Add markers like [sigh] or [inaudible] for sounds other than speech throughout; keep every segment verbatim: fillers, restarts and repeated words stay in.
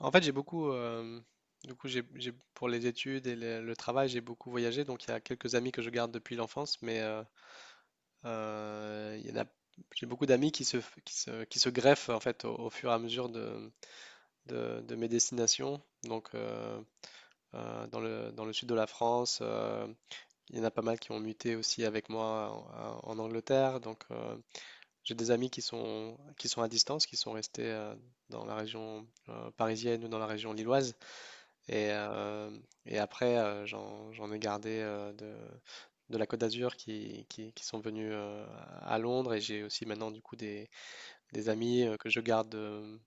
En fait, j'ai beaucoup, euh, du coup, j'ai, j'ai- pour les études et le, le travail, j'ai beaucoup voyagé. Donc, il y a quelques amis que je garde depuis l'enfance, mais euh, euh, il y en a, j'ai beaucoup d'amis qui se, f- qui se, qui se greffent en fait au, au fur et à mesure de, de, de mes destinations. Donc, euh, euh, dans le, dans le sud de la France, euh, il y en a pas mal qui ont muté aussi avec moi en, en Angleterre. Donc, euh, j'ai des amis qui sont, qui sont à distance, qui sont restés euh, dans la région euh, parisienne ou dans la région lilloise. Et, euh, et après, euh, j'en, j'en ai gardé euh, de, de la Côte d'Azur qui, qui, qui sont venus euh, à Londres. Et j'ai aussi maintenant du coup des, des amis euh, que je garde de,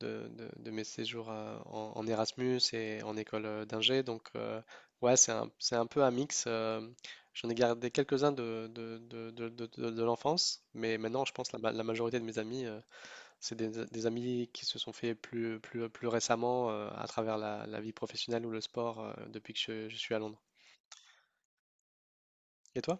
de, de- de mes séjours à- en, en Erasmus et en école euh, d'ingé. Donc euh, ouais, c'est un, c'est un peu un mix. euh, j'en ai gardé quelques-uns de, de, de, de, de- de- de l'enfance, mais maintenant je pense la, ma- la majorité de mes amis euh, c'est des, des amis qui se sont faits plus, plus, plus récemment euh, à travers la, la vie professionnelle ou le sport euh, depuis que je, je suis à Londres. Et toi?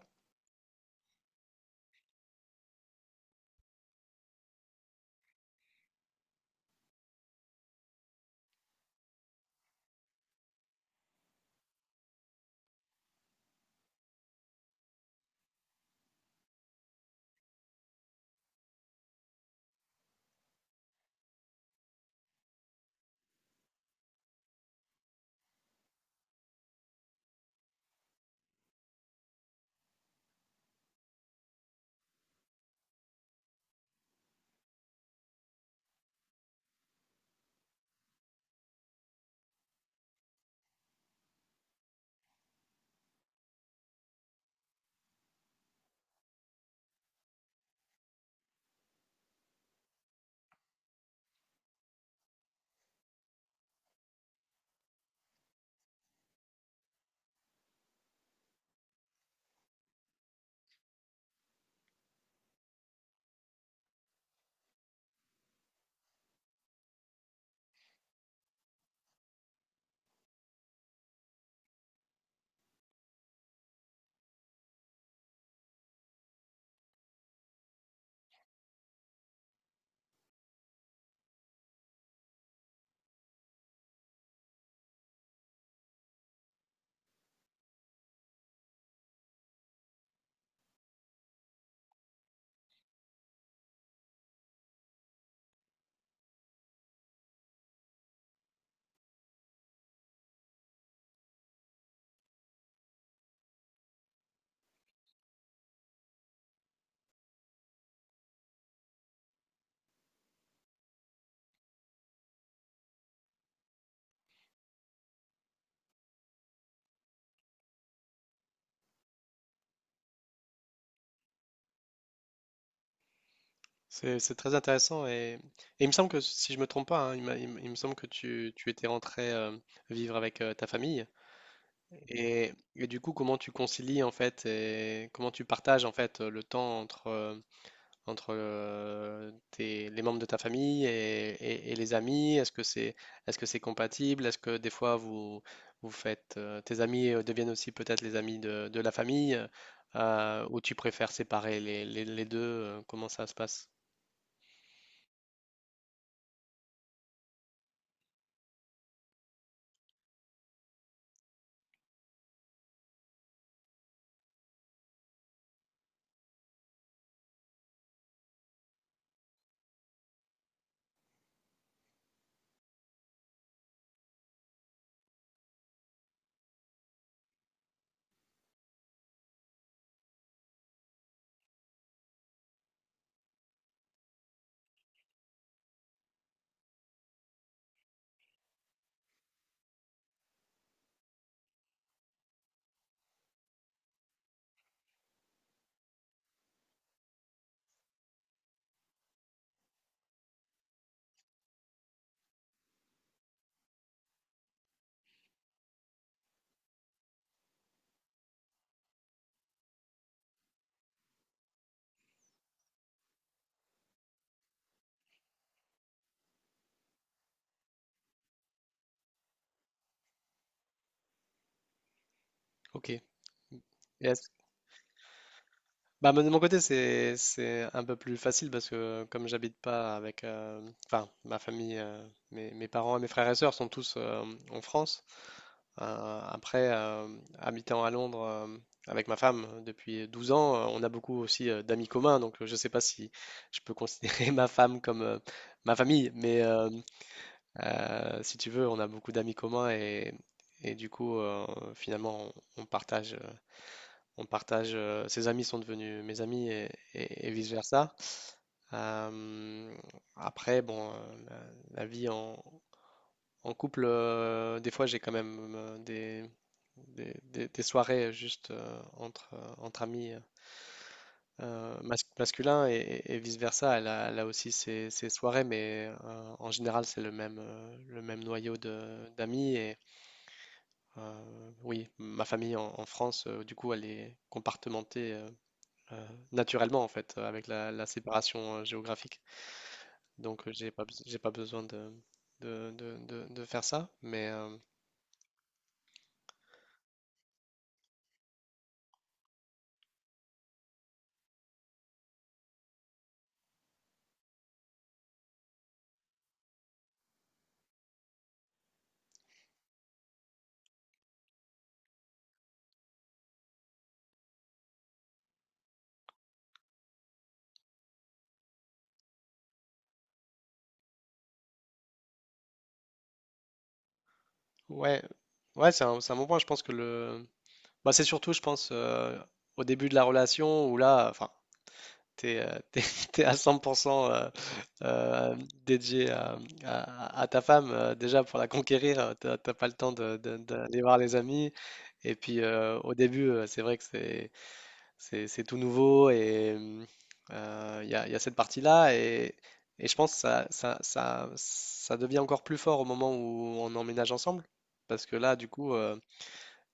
C'est, c'est très intéressant et, et il me semble que, si je me trompe pas, hein, il, m'a- il me il me semble que tu, tu étais rentré euh, vivre avec euh, ta famille et, et du coup comment tu concilies en fait et comment tu partages en fait le temps entre, euh, entre euh, tes- les membres de ta famille et, et- et les amis? Est-ce que c'est est-ce que c'est compatible? Est-ce que des fois vous vous faites euh, tes amis euh, deviennent aussi peut-être les amis de, de la famille euh, ou tu préfères séparer les, les- les deux? euh, Comment ça se passe? Ok. Et est-ce Bah, moi, de mon côté, c'est c'est un peu plus facile parce que comme j'habite pas avec, euh, enfin, ma famille, euh, mes, mes parents et mes frères et sœurs sont tous euh, en France. Euh, après, euh, habitant à Londres euh, avec ma femme euh, depuis douze ans, euh, on a beaucoup aussi euh, d'amis communs. Donc, euh, je sais pas si je peux considérer [laughs] ma femme comme euh, ma famille, mais euh, euh, si tu veux, on a beaucoup d'amis communs et, et du coup, euh, finalement, on, on partage. euh, on partage, euh, ses amis sont devenus mes amis et, et- vice-versa. Euh, après, bon, euh, la, la vie en, en couple, euh, des fois j'ai quand même euh, des, des, des- des soirées juste euh, entre, euh, entre amis euh, mas- masculins et, et vice-versa. Elle a, elle a aussi ses, ses soirées, mais euh, en général c'est le même, euh, le même noyau de- d'amis. Et euh, oui, ma famille en, en France, euh, du coup, elle est compartimentée euh, naturellement en fait, euh, avec la, la séparation euh, géographique. Donc euh, j'ai pas, bes- j'ai pas besoin de, de, de- de- de faire ça. Mais euh, ouais, ouais, c'est un, c'est un bon point. Je pense que le, bah, c'est surtout, je pense, euh, au début de la relation où là, enfin, t'es, euh, [laughs] t'es- t'es à cent pour cent euh, euh, dédié à, à- à ta femme. euh, déjà pour la conquérir, euh, t'as t'as pas le temps de- de- d'aller voir les amis. Et puis euh, au début, euh, c'est vrai que c'est C'est c'est tout nouveau et hum, euh, il y a, il y a cette partie-là et, et je pense que ça, ça, ça, ça devient encore plus fort au moment où on emménage ensemble. Parce que là, du coup, euh,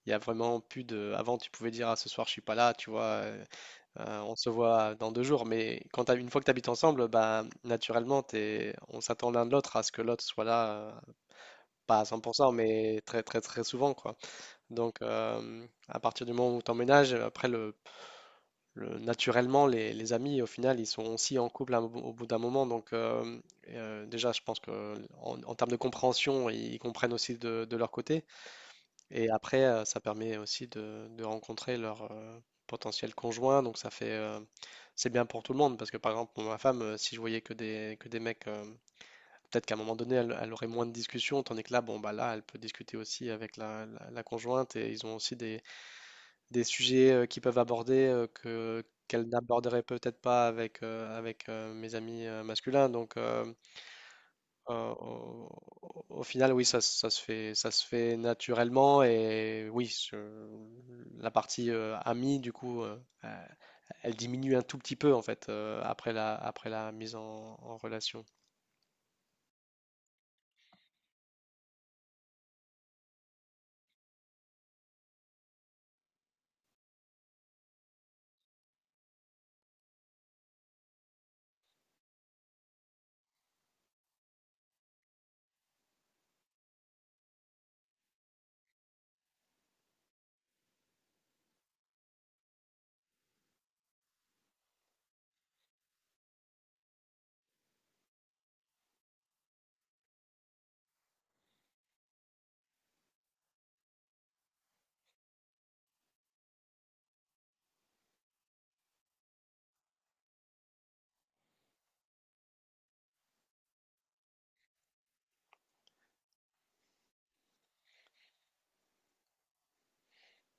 il y a vraiment plus de. Avant, tu pouvais dire, ah, ce soir, je suis pas là, tu vois, euh, euh, on se voit dans deux jours. Mais quand t'as- une fois que tu habites ensemble, bah, naturellement, t'es- on s'attend l'un de l'autre à ce que l'autre soit là, euh, pas à cent pour cent mais très, très, très souvent, quoi. Donc, euh, à partir du moment où tu emménages, après, le le- naturellement, les, les amis, au final, ils sont aussi en couple à- au bout d'un moment. Donc, euh, euh, déjà, je pense que en, en termes de compréhension, ils, ils comprennent aussi de, de leur côté. Et après, euh, ça permet aussi de, de rencontrer leur euh, potentiel conjoint. Donc, ça fait, euh, c'est bien pour tout le monde. Parce que, par exemple, pour ma femme, euh, si je voyais que des, que des mecs, euh, peut-être qu'à un moment donné, elle, elle aurait moins de discussions. Tandis que là, bon, bah là, elle peut discuter aussi avec la, la la conjointe et ils ont aussi des des sujets euh, qu'ils peuvent aborder euh, que qu'elles n'aborderaient peut-être pas avec, euh, avec euh, mes amis euh, masculins. Donc, euh, euh, au, au- final, oui, ça, ça se fait, ça se fait naturellement. Et oui, je- la partie euh, amie, du coup, euh, euh, elle diminue un tout petit peu, en fait, euh, après la, après la mise en, en relation.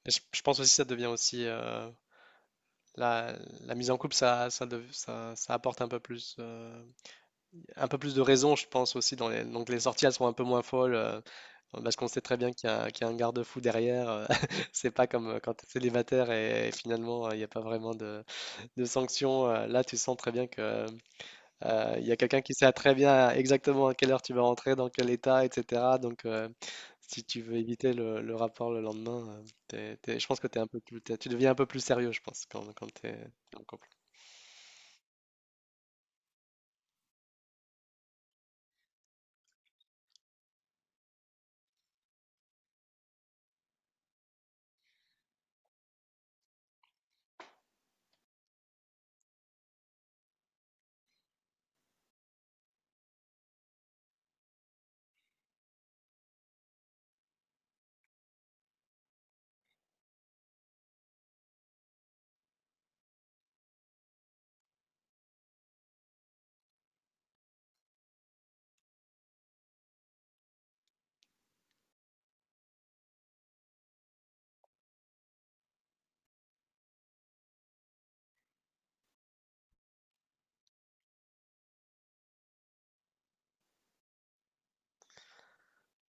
Et je, je pense aussi que ça devient aussi. euh, La, la mise en couple, ça, ça, dev- ça, ça apporte un peu plus. euh, un peu plus de raison, je pense aussi. Dans les. Donc les sorties, elles sont un peu moins folles. euh, parce qu'on sait très bien qu'il y a, qu'il y a un garde-fou derrière. euh, [laughs] c'est pas comme euh, quand tu es célibataire et, et finalement, euh, il n'y a pas vraiment de, de sanctions. euh, Là, tu sens très bien que, euh, euh, il y a quelqu'un qui sait très bien exactement à quelle heure tu vas rentrer, dans quel état, et cetera. Donc, euh, si tu veux éviter le, le rapport le lendemain, euh, t'es- t'es- je pense que t'es un peu plus, t'es- tu deviens un peu plus sérieux, je pense, quand, quand tu es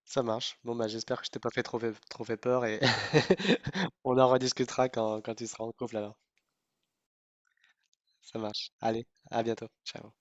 Ça marche. Bon, bah, j'espère que je t'ai pas fait trop fait, trop fait peur et [laughs] on en rediscutera quand, quand tu seras en couple alors. Ça marche. Allez, à bientôt. Ciao.